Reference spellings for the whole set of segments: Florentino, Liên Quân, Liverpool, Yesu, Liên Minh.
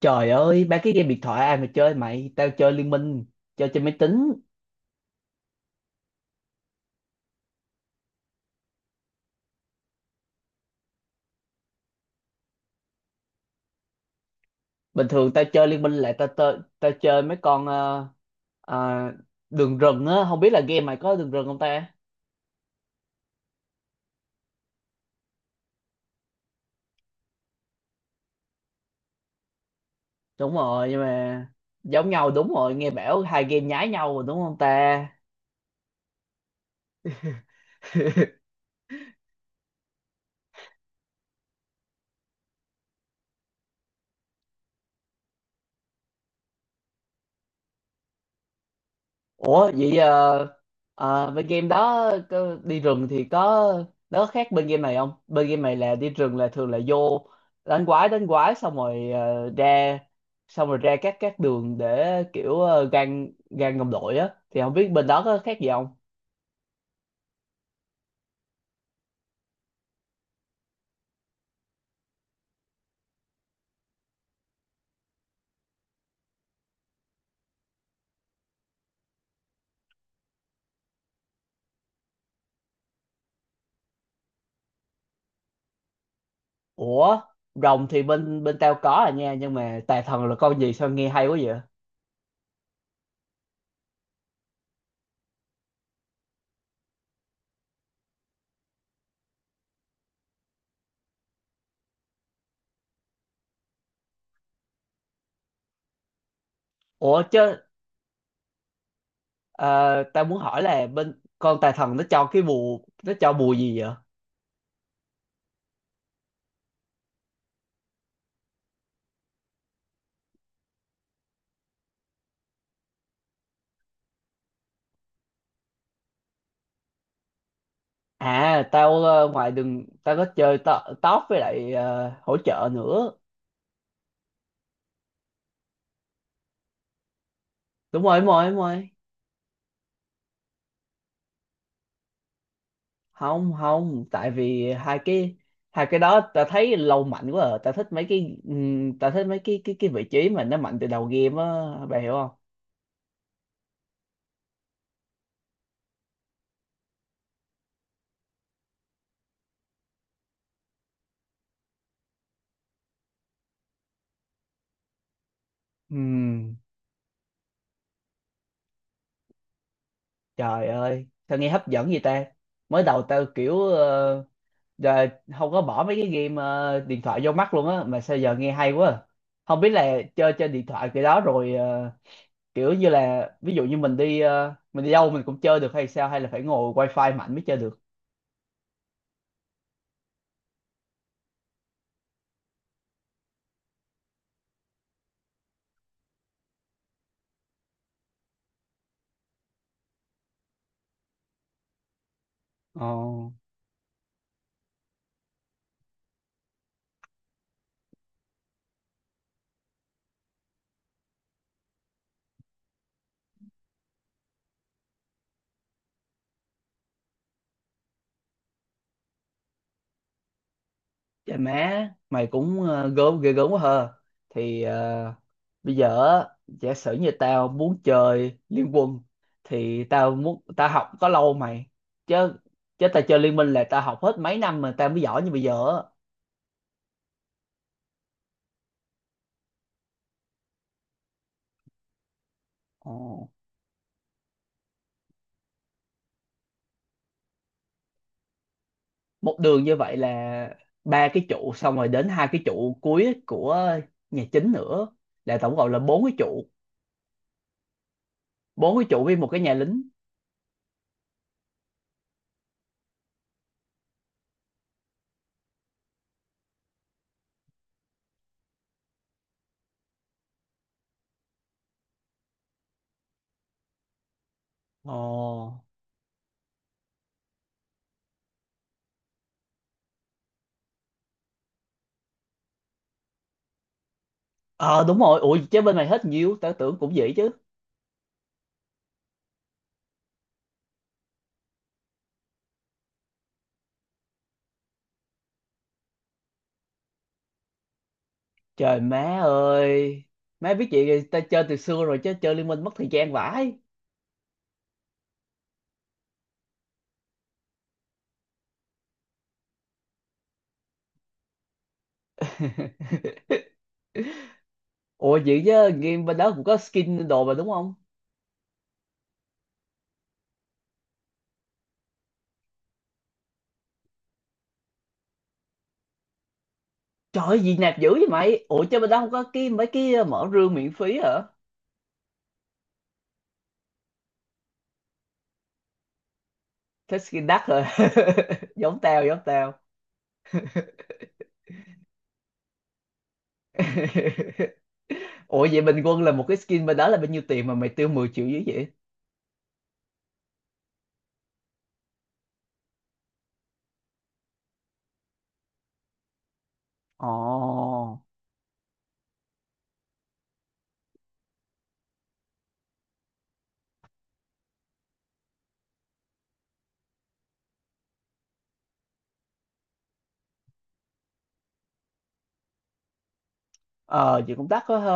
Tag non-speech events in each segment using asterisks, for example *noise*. Trời ơi, ba cái game điện thoại ai mà chơi mày, tao chơi Liên Minh, chơi trên máy tính. Bình thường tao chơi Liên Minh là tao chơi mấy con ờ, đường rừng á, không biết là game mày có đường rừng không ta? Đúng rồi, nhưng mà giống nhau đúng rồi, nghe bảo hai game nhái nhau rồi đúng không ta? *laughs* Ủa vậy bên game đó có- đi rừng thì có nó có khác bên game này không? Bên game này là đi rừng là thường là vô đánh quái xong rồi ra xong rồi ra các đường để kiểu gan gan đồng đội á, thì không biết bên đó có khác gì không? Ủa, rồng thì bên bên tao có à nha, nhưng mà tà thần là con gì sao nghe hay quá vậy? Ủa chứ ờ, tao muốn hỏi là bên con tà thần nó cho cái bùa, nó cho bùa gì vậy? À tao ngoài đường tao có chơi to, top với lại hỗ trợ nữa. Đúng rồi, đúng rồi, đúng rồi. Không, không, tại vì hai cái đó tao thấy lâu mạnh quá à. Tao thích mấy cái tao thích mấy cái cái vị trí mà nó mạnh từ đầu game á, bà hiểu không? Ừm, trời ơi, sao nghe hấp dẫn vậy ta? Mới đầu tao kiểu giờ không có bỏ mấy cái game điện thoại vô mắt luôn á, mà sao giờ nghe hay quá. À. Không biết là chơi trên điện thoại cái đó rồi kiểu như là ví dụ như mình đi mình đi đâu mình cũng chơi được hay sao, hay là phải ngồi wifi mạnh mới chơi được. Ồ. Trời má mày cũng gớm, ghê gớm quá hờ, thì bây giờ á, giả sử như tao muốn chơi Liên Quân thì tao muốn tao học có lâu mày, chứ chứ tao chơi Liên Minh là tao học hết mấy năm mà tao mới giỏi như bây giờ á. Ồ. Một đường như vậy là ba cái trụ, xong rồi đến hai cái trụ cuối của nhà chính nữa, là tổng cộng là bốn cái trụ, bốn cái trụ với một cái nhà lính. Ồ. Ờ, đúng rồi, ủa chứ bên mày hết nhiều, tao tưởng cũng vậy chứ. Trời má ơi, má biết vậy thì tao chơi từ xưa rồi, chứ chơi Liên Minh mất thời gian vãi. *laughs* Ủa vậy chứ game bên đó cũng có skin đồ mà đúng không? Trời ơi, gì nạp dữ vậy mày, ủa chứ bên đó không có cái mấy cái mở rương miễn phí hả? Thích skin đắt rồi. *laughs* Giống tao, giống tao. *laughs* Ủa vậy bình quân là một cái skin bên đó là bao nhiêu tiền mà mày tiêu 10 triệu dưới vậy? Ồ. Ờ, chị cũng đắt quá ha,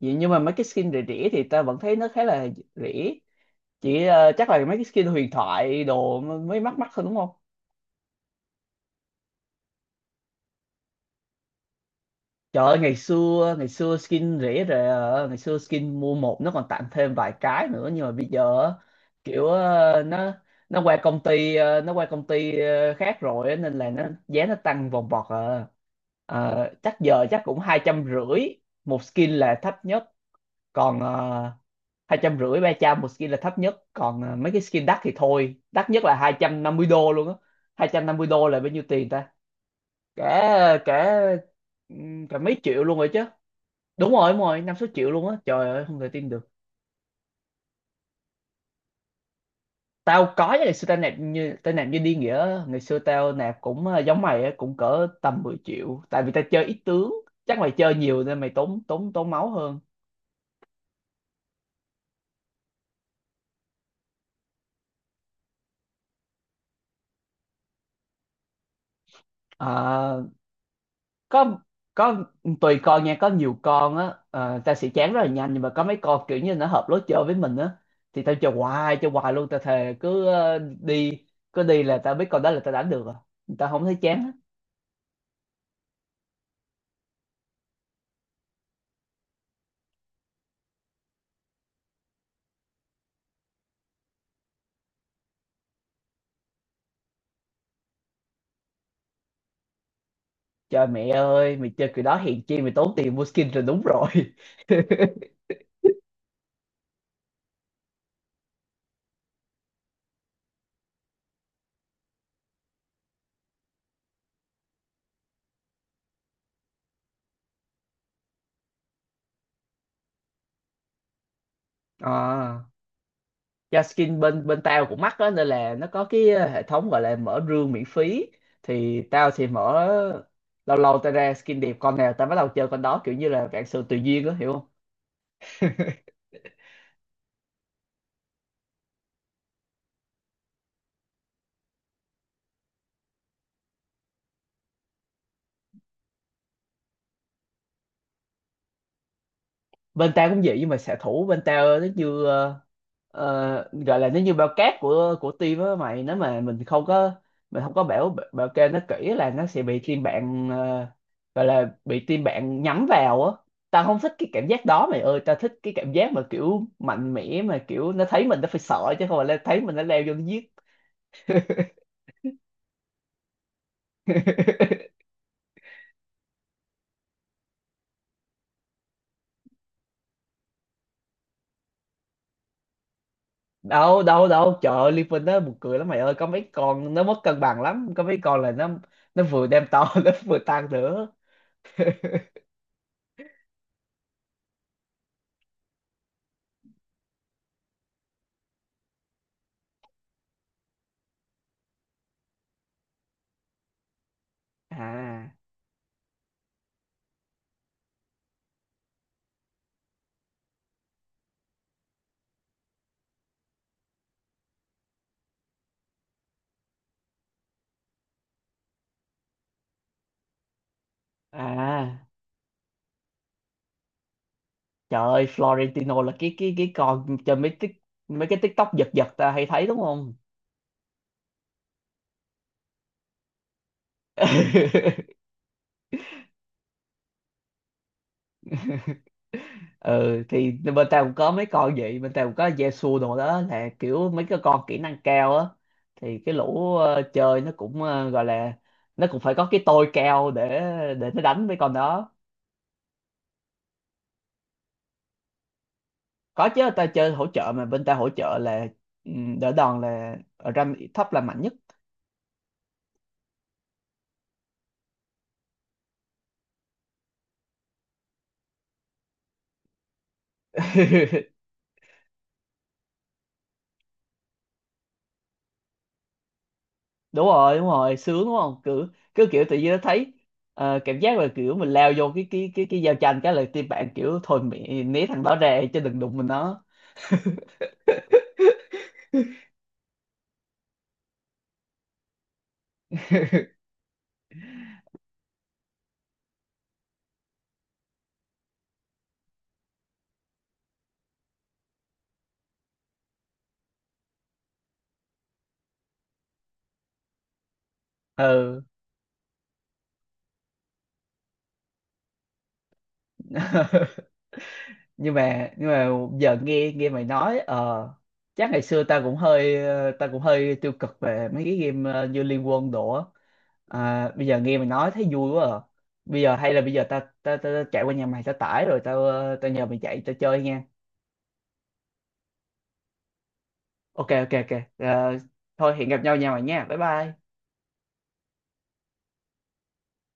vậy nhưng mà mấy cái skin rẻ rẻ thì ta vẫn thấy nó khá là rẻ, chỉ chắc là mấy cái skin huyền thoại đồ mới mắc mắc thôi đúng không? Trời ơi, ngày xưa skin rẻ rề, ngày xưa skin mua một nó còn tặng thêm vài cái nữa, nhưng mà bây giờ á, kiểu nó qua công ty nó qua công ty khác rồi á, nên là nó giá nó tăng vòng vọt à. Ờ, chắc giờ chắc cũng 250 nghìn một skin là thấp nhất, còn 250 nghìn 300 nghìn một skin là thấp nhất, còn à, mấy cái skin đắt thì thôi, đắt nhất là 250 đô luôn á. 250 đô là bao nhiêu tiền ta, cả cả cả mấy triệu luôn rồi chứ. Đúng rồi, đúng rồi, 5 6 triệu luôn á, trời ơi không thể tin được. Tao có chứ, ngày xưa tao nạp, như tao nạp như đi nghĩa á. Ngày xưa tao nạp cũng à, giống mày á, cũng cỡ tầm 10 triệu, tại vì tao chơi ít tướng, chắc mày chơi nhiều nên mày tốn tốn tốn máu hơn. À, có có tùy con nha, có nhiều con á ta sẽ chán rất là nhanh, nhưng mà có mấy con kiểu như nó hợp lối chơi với mình á thì tao chơi hoài luôn, tao thề cứ đi, cứ đi là tao biết con đó là tao đánh được à, tao không thấy chán á. Trời mẹ ơi, mày chơi kiểu đó hèn chi mày tốn tiền mua skin rồi, đúng rồi. *laughs* À, do skin bên bên tao cũng mắc á, nên là nó có cái hệ thống gọi là mở rương miễn phí thì tao sẽ mở, lâu lâu tao ra skin đẹp con nào tao bắt đầu chơi con đó, kiểu như là vạn sự tùy duyên á hiểu không? Bên tao cũng vậy, nhưng mà xạ thủ bên tao nó như gọi là nó như bao cát của team á mày, nếu mà mình không có bảo bảo kê nó kỹ là nó sẽ bị team bạn gọi là bị team bạn nhắm vào á. Tao không thích cái cảm giác đó mày ơi, tao thích cái cảm giác mà kiểu mạnh mẽ, mà kiểu nó thấy mình nó phải sợ, chứ không phải là thấy mình nó leo vô nó giết. *laughs* đâu đâu đâu, trời ơi Liverpool nó buồn cười lắm mày ơi, có mấy con nó mất cân bằng lắm, có mấy con là nó vừa đem to *laughs* nó vừa tăng nữa. À à, trời ơi Florentino là cái con trên mấy tik, mấy cái TikTok giật giật ta hay thấy đúng không? *laughs* Ừ thì bên tao cũng có mấy con vậy, bên tao cũng có Yesu đồ đó, là kiểu mấy cái con kỹ năng cao á, thì cái lũ chơi nó cũng gọi là nó cũng phải có cái tôi cao để nó đánh với con đó. Có chứ, tao chơi hỗ trợ mà, bên tao hỗ trợ là ừ, đỡ đòn là ở rank thấp là mạnh nhất. *laughs* Đúng rồi, đúng rồi, sướng đúng không, cứ cứ kiểu tự nhiên nó thấy cảm giác là kiểu mình lao vô cái giao tranh cái là team bạn kiểu thôi mẹ né thằng đó ra chứ đừng đụng mình nó. Ừ. Nhưng mà giờ nghe nghe mày nói ờ, chắc ngày xưa ta cũng hơi ta cũng hơi tiêu cực về mấy cái game như Liên Quân đồ á. À, bây giờ nghe mày nói thấy vui quá à. Bây giờ hay là bây giờ ta chạy qua nhà mày ta tải rồi, tao tao nhờ mày chạy tao chơi nha. Ok ok ok. Ờ, thôi hẹn gặp nhau nhà mày nha, bye bye.